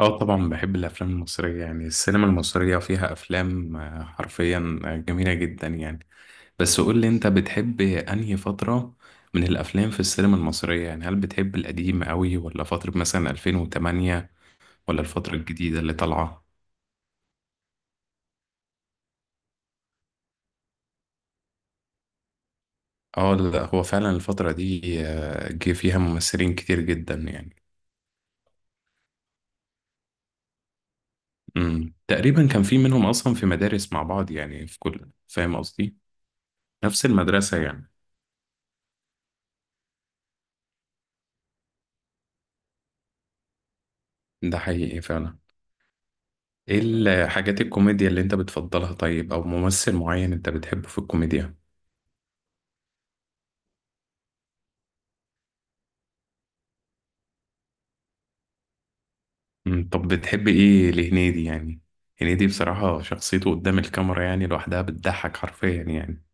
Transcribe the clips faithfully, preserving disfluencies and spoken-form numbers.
اه، طبعا بحب الافلام المصريه. يعني السينما المصريه فيها افلام آه، حرفيا آه، جميله جدا يعني. بس قول لي انت بتحب انهي فتره من الافلام في السينما المصريه؟ يعني هل بتحب القديم قوي، ولا فتره مثلا الفين وتمانية، ولا الفتره الجديده اللي طالعه؟ اه، لا هو فعلا الفتره دي آه، جه فيها ممثلين كتير جدا يعني. امم تقريبا كان في منهم اصلا في مدارس مع بعض، يعني في كل، فاهم قصدي. نفس المدرسه يعني. ده حقيقي فعلا. ايه الحاجات الكوميديا اللي انت بتفضلها، طيب؟ او ممثل معين انت بتحبه في الكوميديا؟ مم، طب بتحب ايه لهنيدي يعني؟ هنيدي بصراحة شخصيته قدام الكاميرا، يعني لوحدها بتضحك حرفيا يعني.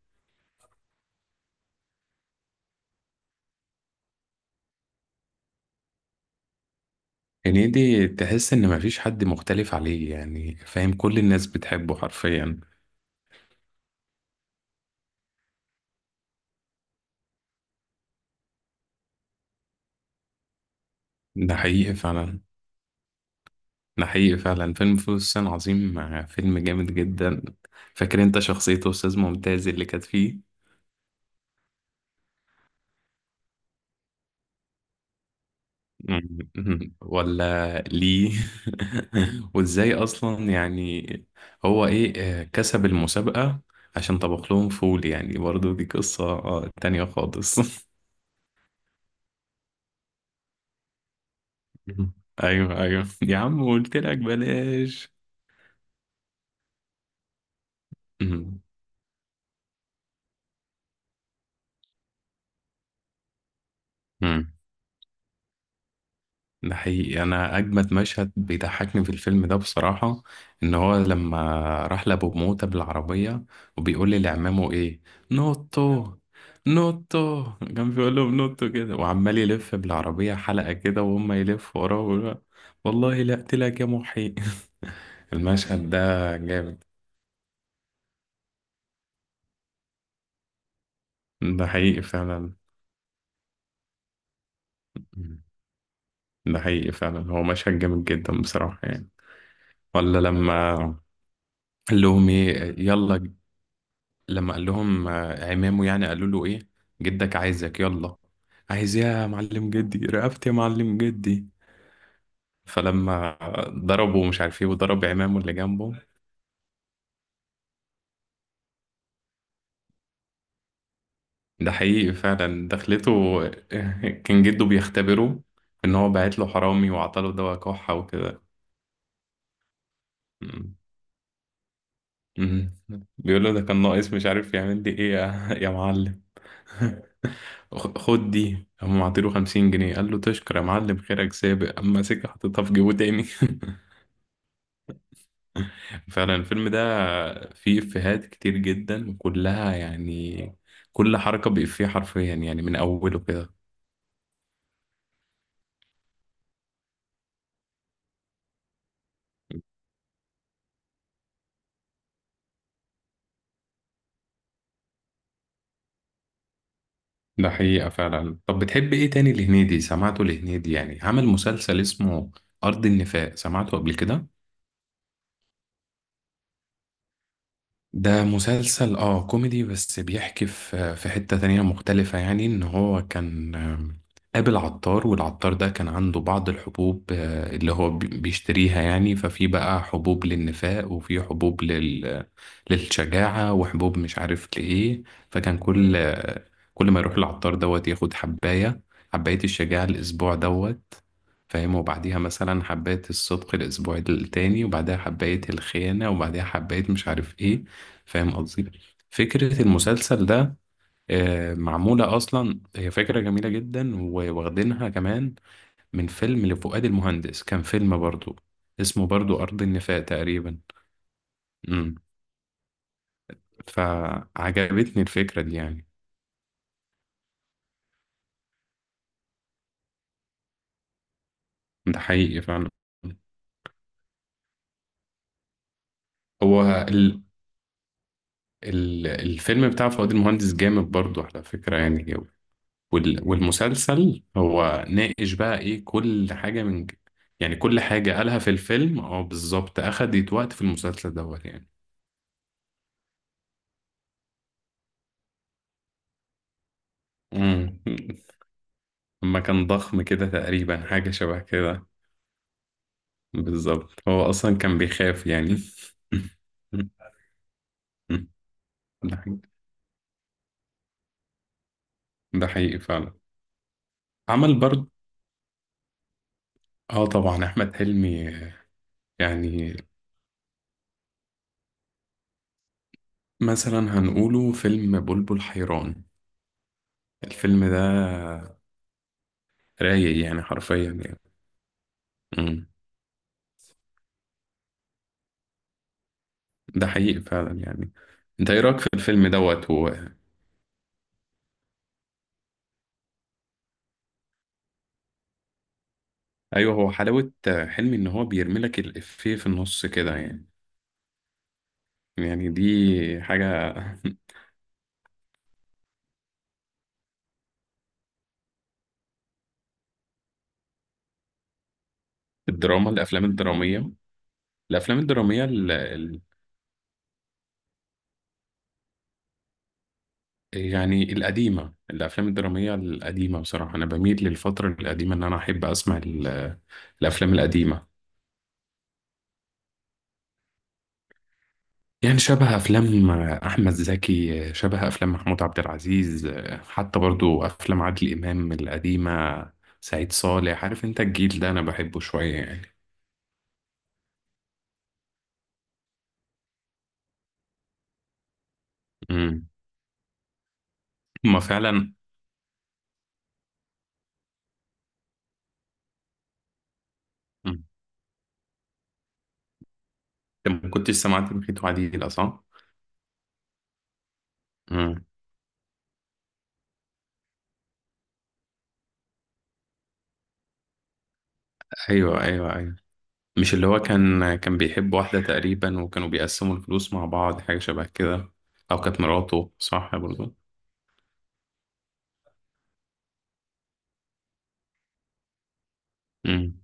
هنيدي تحس ان مفيش حد مختلف عليه، يعني فاهم، كل الناس بتحبه حرفيا. ده حقيقي فعلا. ده حقيقي فعلا، فيلم فول الصين العظيم فيلم جامد جدا. فاكر انت شخصية استاذ ممتاز اللي كانت فيه؟ مم. ولا ليه؟ وازاي اصلا يعني؟ هو ايه؟ آه، كسب المسابقة. عشان طبخ لهم فول، يعني برضو دي قصة آه، تانية خالص. مم. ايوه ايوه يا عم، قلت لك بلاش. مم. مم. ده حقيقي، انا اجمد مشهد بيضحكني في الفيلم ده بصراحه، ان هو لما راح لابو موته بالعربيه وبيقول لي لعمامه ايه، نوتو. نوتو كان بيقول لهم نوتو كده، وعمال يلف بالعربيه حلقه كده، وهم يلفوا وراه ويقولوا له، والله لا اقتلك يا محي. المشهد ده جامد. ده حقيقي فعلا. ده حقيقي فعلا، هو مشهد جامد جدا بصراحه يعني. ولا لما قال لهم ايه، يلا؟ لما قال لهم آه، عمامه، يعني قالوا له ايه؟ جدك عايزك، يلا. عايز إيه يا معلم؟ جدي رقبتي يا معلم، جدي. فلما ضربه مش عارف ايه، وضرب عمامه اللي جنبه. ده حقيقي فعلا دخلته. كان جده بيختبره، ان هو بعت له حرامي وعطاله دواء كحة وكده. مم. مم. بيقول له ده كان ناقص، مش عارف يعمل لي ايه يا يا معلم. خ- خد دي، هم عطيله خمسين جنيه. قال له تشكر يا معلم، خيرك سابق. اما سكة حطيتها في جيبه تاني. فعلا الفيلم ده فيه إفيهات كتير جدا وكلها، يعني كل حركة بإفيه حرفيا يعني، من أوله كده. ده حقيقة فعلا. طب بتحب إيه تاني لهنيدي؟ سمعته لهنيدي، يعني عمل مسلسل اسمه أرض النفاق. سمعته قبل كده؟ ده مسلسل اه كوميدي، بس بيحكي في في حتة تانية مختلفة. يعني ان هو كان آم، قابل عطار، والعطار ده كان عنده بعض الحبوب آه، اللي هو بي- بيشتريها. يعني ففي بقى حبوب للنفاق، وفي حبوب لل... للشجاعة، وحبوب مش عارف لإيه. فكان كل آه، كل ما يروح العطار دوت ياخد حباية، حباية الشجاعة الأسبوع دوت، فاهم. وبعديها مثلا حباية الصدق الأسبوع التاني، وبعدها حباية الخيانة، وبعدها حباية مش عارف إيه. فاهم قصدي. فكرة المسلسل ده آه، معمولة أصلا، هي فكرة جميلة جدا، وواخدينها كمان من فيلم لفؤاد المهندس. كان فيلم برضو اسمه برضو أرض النفاق تقريبا. امم فعجبتني الفكرة دي يعني. ده حقيقي فعلا. هو ال... ال... الفيلم بتاع فؤاد المهندس جامد برضو على فكرة يعني. وال- والمسلسل هو ناقش بقى ايه كل حاجة من ج- يعني كل حاجة قالها في الفيلم، اه بالظبط، أخدت وقت في المسلسل دوت يعني. امم لما كان ضخم كده تقريبا، حاجة شبه كده. بالظبط، هو أصلا كان بيخاف يعني. ده حقيقي. ده حقيقي فعلا. عمل برضه. اه طبعا أحمد حلمي يعني. مثلا هنقوله فيلم بلبل حيران. الفيلم ده رايق يعني، حرفيا يعني. مم. ده حقيقي فعلا يعني. انت ايه رايك في الفيلم دوت هو؟ ايوه، هو حلاوه حلمي ان هو بيرملك الافيه في النص كده يعني. يعني دي حاجه. الدراما، الافلام الدراميه. الافلام الدراميه ال... ال... يعني القديمه، الافلام الدراميه القديمه بصراحه. انا بميل للفتره القديمه، ان انا احب اسمع ال... الافلام القديمه. يعني شبه افلام احمد زكي، شبه افلام محمود عبد العزيز، حتى برضو افلام عادل امام القديمه، سعيد صالح. عارف انت الجيل ده انا بحبه شويه يعني. امم هما فعلا. مم. انت ما كنتش سمعت بخيت وعديلة صح؟ امم ايوه ايوه ايوه. مش اللي هو كان كان بيحب واحده تقريبا، وكانوا بيقسموا الفلوس مع بعض، حاجه شبه كده. او كانت مراته صح برضو؟ امم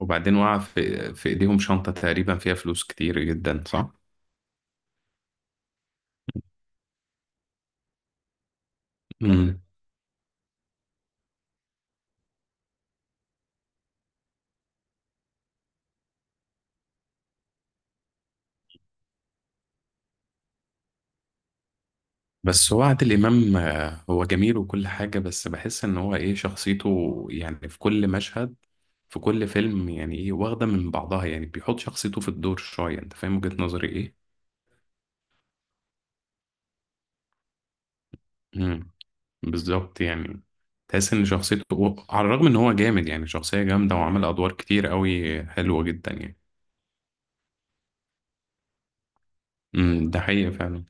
وبعدين وقع في في ايديهم شنطه تقريبا فيها فلوس كتير جدا صح؟ مم. بس هو عادل إمام آه، هو جميل وكل حاجة، بس بحس إن هو إيه شخصيته يعني، في كل مشهد في كل فيلم يعني إيه، واخدة من بعضها، يعني بيحط شخصيته في الدور شوية. أنت فاهم وجهة نظري إيه؟ امم بالظبط يعني. تحس إن شخصيته هو- على الرغم إن هو جامد، يعني شخصية جامدة وعمل أدوار كتير قوي حلوة جدا يعني. امم ده حقيقة فعلا.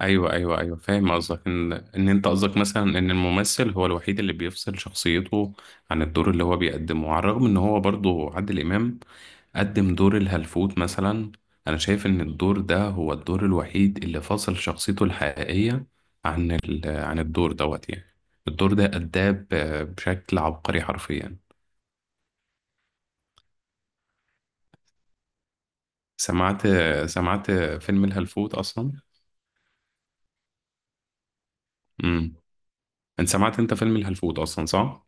ايوه ايوه ايوه، فاهم قصدك ان ان انت قصدك مثلا ان الممثل هو الوحيد اللي بيفصل شخصيته عن الدور اللي هو بيقدمه، على الرغم ان هو برضو عادل امام قدم دور الهلفوت مثلا. انا شايف ان الدور ده هو الدور الوحيد اللي فصل شخصيته الحقيقيه عن ال... عن الدور دوت يعني. الدور ده اداه ب- بشكل عبقري حرفيا. سمعت سمعت فيلم الهلفوت اصلا. امم انت سمعت انت فيلم الهلفوت اصلا صح؟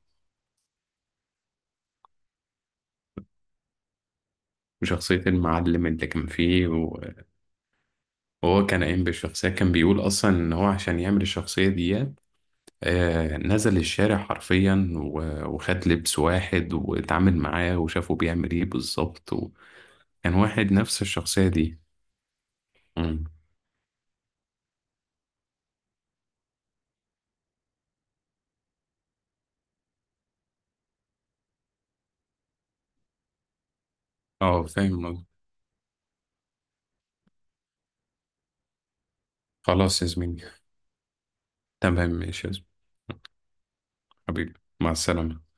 وشخصية المعلم اللي كان فيه، وهو كان قايم بالشخصية، كان بيقول أصلا إن هو عشان يعمل الشخصية دي آه نزل الشارع حرفيا، و- وخد لبس واحد واتعامل معاه وشافه بيعمل إيه بالظبط، وكان واحد نفس الشخصية دي. مم. اه فاهم قصدك. خلاص يا زميلي. تمام ماشي يا زميلي. حبيبي، مع السلامة.